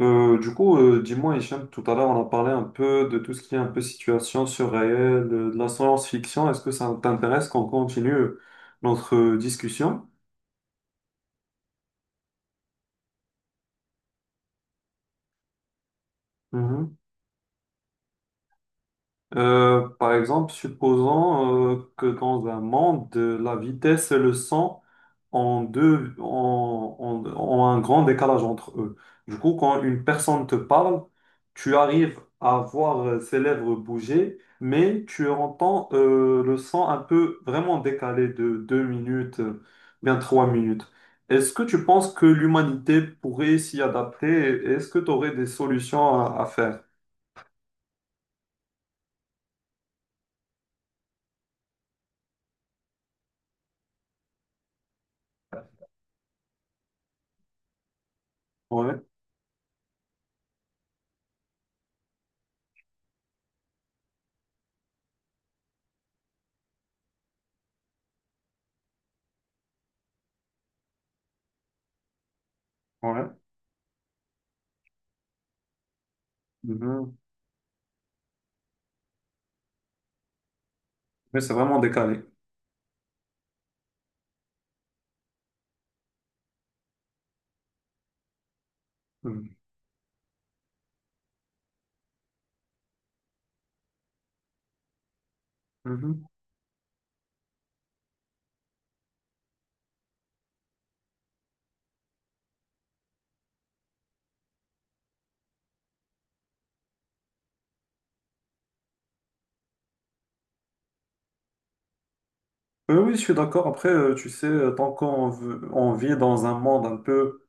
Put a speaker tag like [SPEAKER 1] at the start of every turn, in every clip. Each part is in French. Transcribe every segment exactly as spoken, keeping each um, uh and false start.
[SPEAKER 1] Euh, du coup, euh, dis-moi, Hicham, tout à l'heure, on a parlé un peu de tout ce qui est un peu situation surréelle, de de la science-fiction. Est-ce que ça t'intéresse qu'on continue notre discussion? Euh, par exemple, supposons euh, que dans un monde, euh, la vitesse et le son ont, deux, ont, ont- ont un grand décalage entre eux. Du coup, quand une personne te parle, tu arrives à voir euh, ses lèvres bouger, mais tu entends euh, le son un peu vraiment décalé de deux minutes, euh, bien trois minutes. Est-ce que tu penses que l'humanité pourrait s'y adapter? Et est-ce que tu aurais des solutions à, à faire? Ouais, ouais. Mais c'est vraiment décalé. Mhm. Mhm. Euh, oui, je suis d'accord. Après, euh, tu sais, euh, tant qu'on v- on vit dans un monde un peu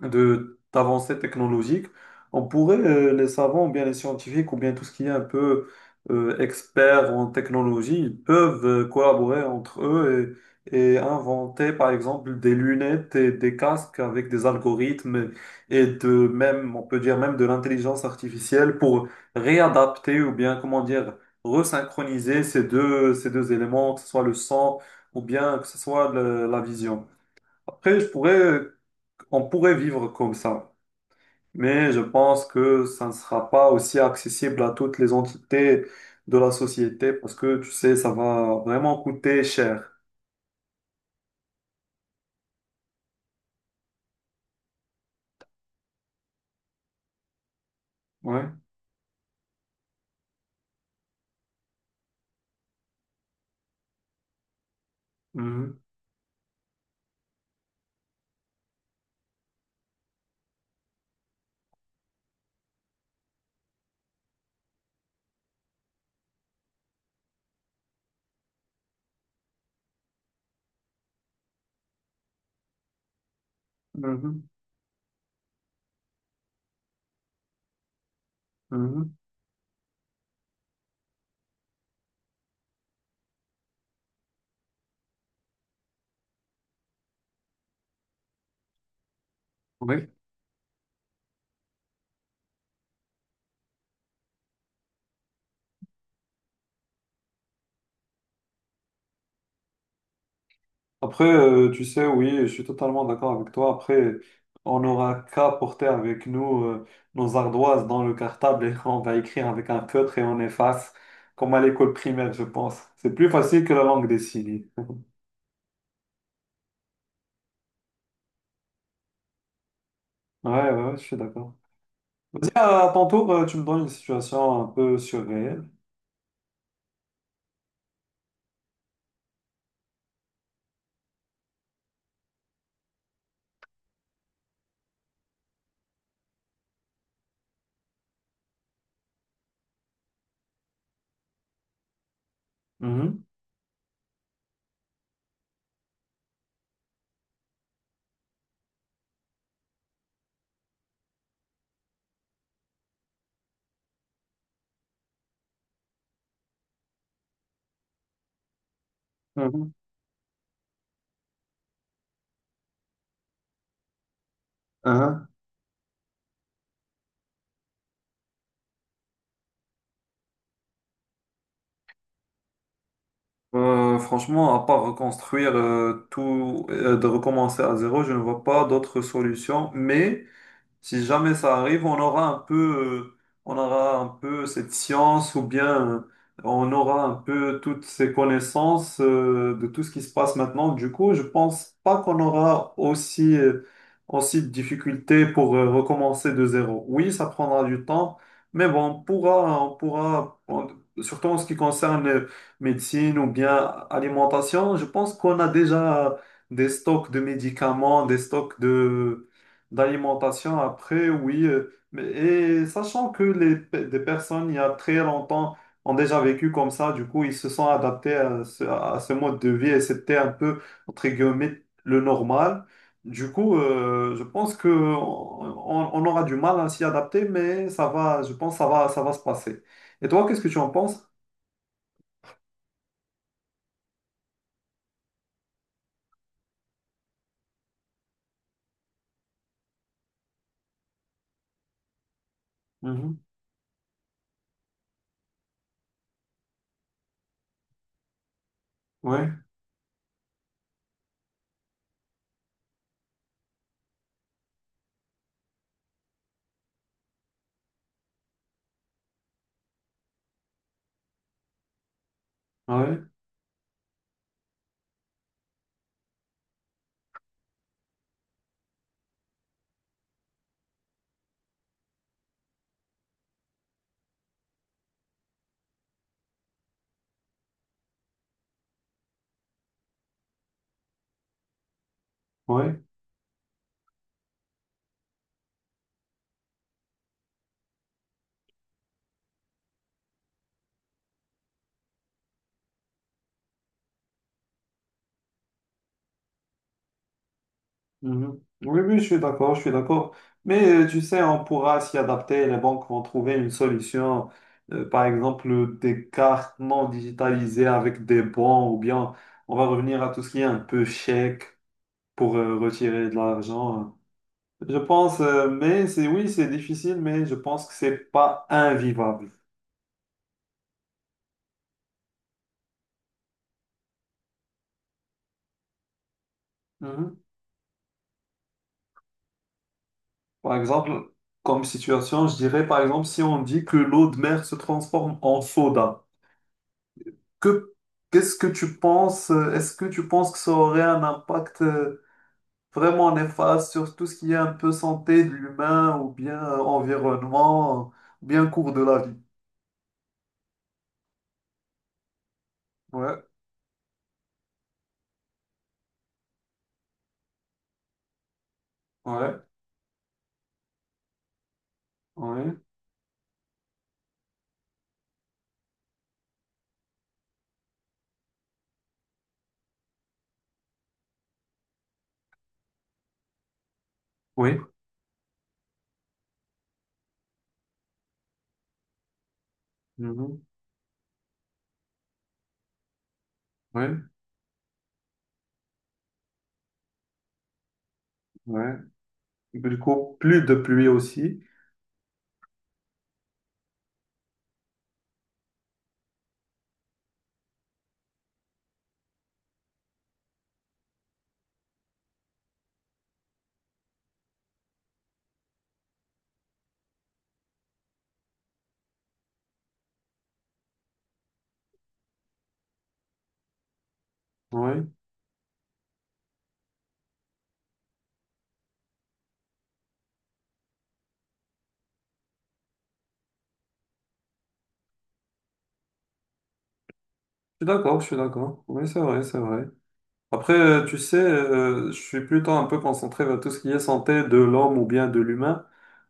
[SPEAKER 1] de d'avancées technologiques, on pourrait, euh, les savants, ou bien les scientifiques, ou bien tout ce qui est un peu euh, expert en technologie, ils peuvent euh, collaborer entre eux et, et inventer, par exemple, des lunettes et des casques avec des algorithmes et de même, on peut dire même de l'intelligence artificielle pour réadapter ou bien, comment dire, resynchroniser ces deux, ces deux éléments, que ce soit le sang ou bien que ce soit le- la vision. Après, je pourrais on pourrait vivre comme ça, mais je pense que ça ne sera pas aussi accessible à toutes les entités de la société parce que, tu sais, ça va vraiment coûter cher. Ouais. Mhm. Mhm. Mhm. Oui. Après, euh, tu sais, oui, je suis totalement d'accord avec toi. Après, on n'aura qu'à porter avec nous euh, nos ardoises dans le cartable et on va écrire avec un feutre et on efface, comme à l'école primaire, je pense. C'est plus facile que la langue des signes. Ouais, ouais, ouais, je suis d'accord. Vas-y, à ton tour, euh, tu me donnes une situation un peu surréelle. Mhm, mhm, hein. Euh, franchement, à part reconstruire euh, tout, euh, de recommencer à zéro, je ne vois pas d'autre solution. Mais si jamais ça arrive, on aura un peu, euh, on aura un peu cette science ou bien euh, on aura un peu toutes ces connaissances euh, de tout ce qui se passe maintenant. Du coup, je pense pas qu'on aura aussi, euh, aussi de difficultés pour euh, recommencer de zéro. Oui, ça prendra du temps, mais bon, on pourra, on pourra, on- surtout en ce qui concerne euh, médecine ou bien alimentation, je pense qu'on a déjà des stocks de médicaments, des stocks de d'alimentation après, oui. euh, mais- Et sachant que les, pe- des personnes, il y a très longtemps, ont déjà vécu comme ça, du coup, ils se sont adaptés à ce, à ce mode de vie et c'était un peu, entre guillemets, le normal. Du coup, euh, je pense que on, on aura du mal à s'y adapter, mais ça va, je pense, que ça va, ça va se passer. Et toi, qu'est-ce que tu en penses? Mhm. Ouais, ouais, ouais. Mhm. Oui, oui, je suis d'accord, je suis d'accord. Mais euh, tu sais, on pourra s'y adapter, les banques vont trouver une solution, euh, par exemple des cartes non digitalisées avec des bons, ou bien on va revenir à tout ce qui est un peu chèque pour euh, retirer de l'argent. Je pense, euh, mais c'est oui, c'est difficile, mais je pense que c'est pas invivable. Mhm. Par exemple, comme situation, je dirais par exemple si on dit que l'eau de mer se transforme en soda. Que, Qu'est-ce que tu penses? euh, Est-ce que tu penses que ça aurait un impact euh, vraiment néfaste sur tout ce qui est un peu santé de l'humain ou bien euh, environnement, euh, ou bien cours de la vie? Ouais, ouais, ouais, oui, mhm, ouais, ouais. Du coup, plus de pluie aussi. Oui, je suis d'accord, je suis d'accord. Oui, c'est vrai, c'est vrai. Après, euh, tu sais, euh, je suis plutôt un peu concentré vers tout ce qui est santé de l'homme ou bien de l'humain.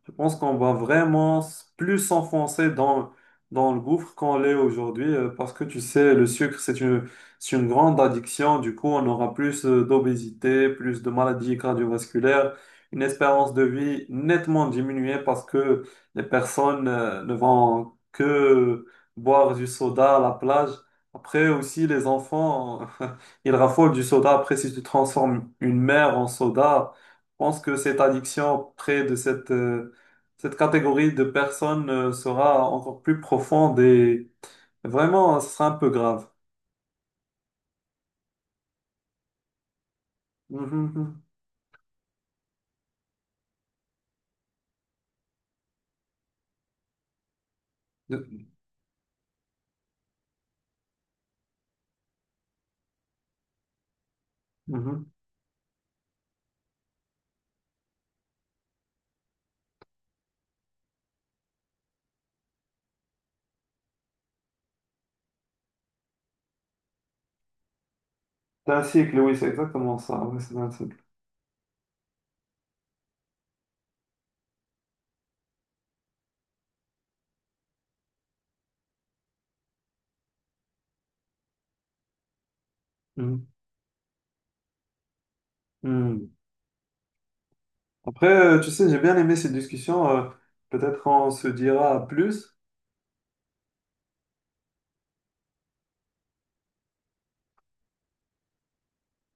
[SPEAKER 1] Je pense qu'on va vraiment s- plus s'enfoncer dans, dans le gouffre qu'on l'est aujourd'hui, euh, parce que tu sais, le sucre, c'est une, c'est une grande addiction. Du coup, on aura plus euh, d'obésité, plus de maladies cardiovasculaires, une espérance de vie nettement diminuée parce que les personnes euh, ne vont que boire du soda à la plage. Après aussi, les enfants. Il raffole du soda. Après, si tu transformes une mer en soda, je pense que cette addiction près de cette, euh, cette catégorie de personnes euh, sera encore plus profonde et vraiment, ce sera un peu grave. Mhm, mhm. De- mhm. C'est un cycle, oui, c'est exactement ça. Oui, c'est un cycle. Mhm, mhm. Après, euh, tu sais, j'ai bien aimé cette discussion. Euh, peut-être on se dira à plus.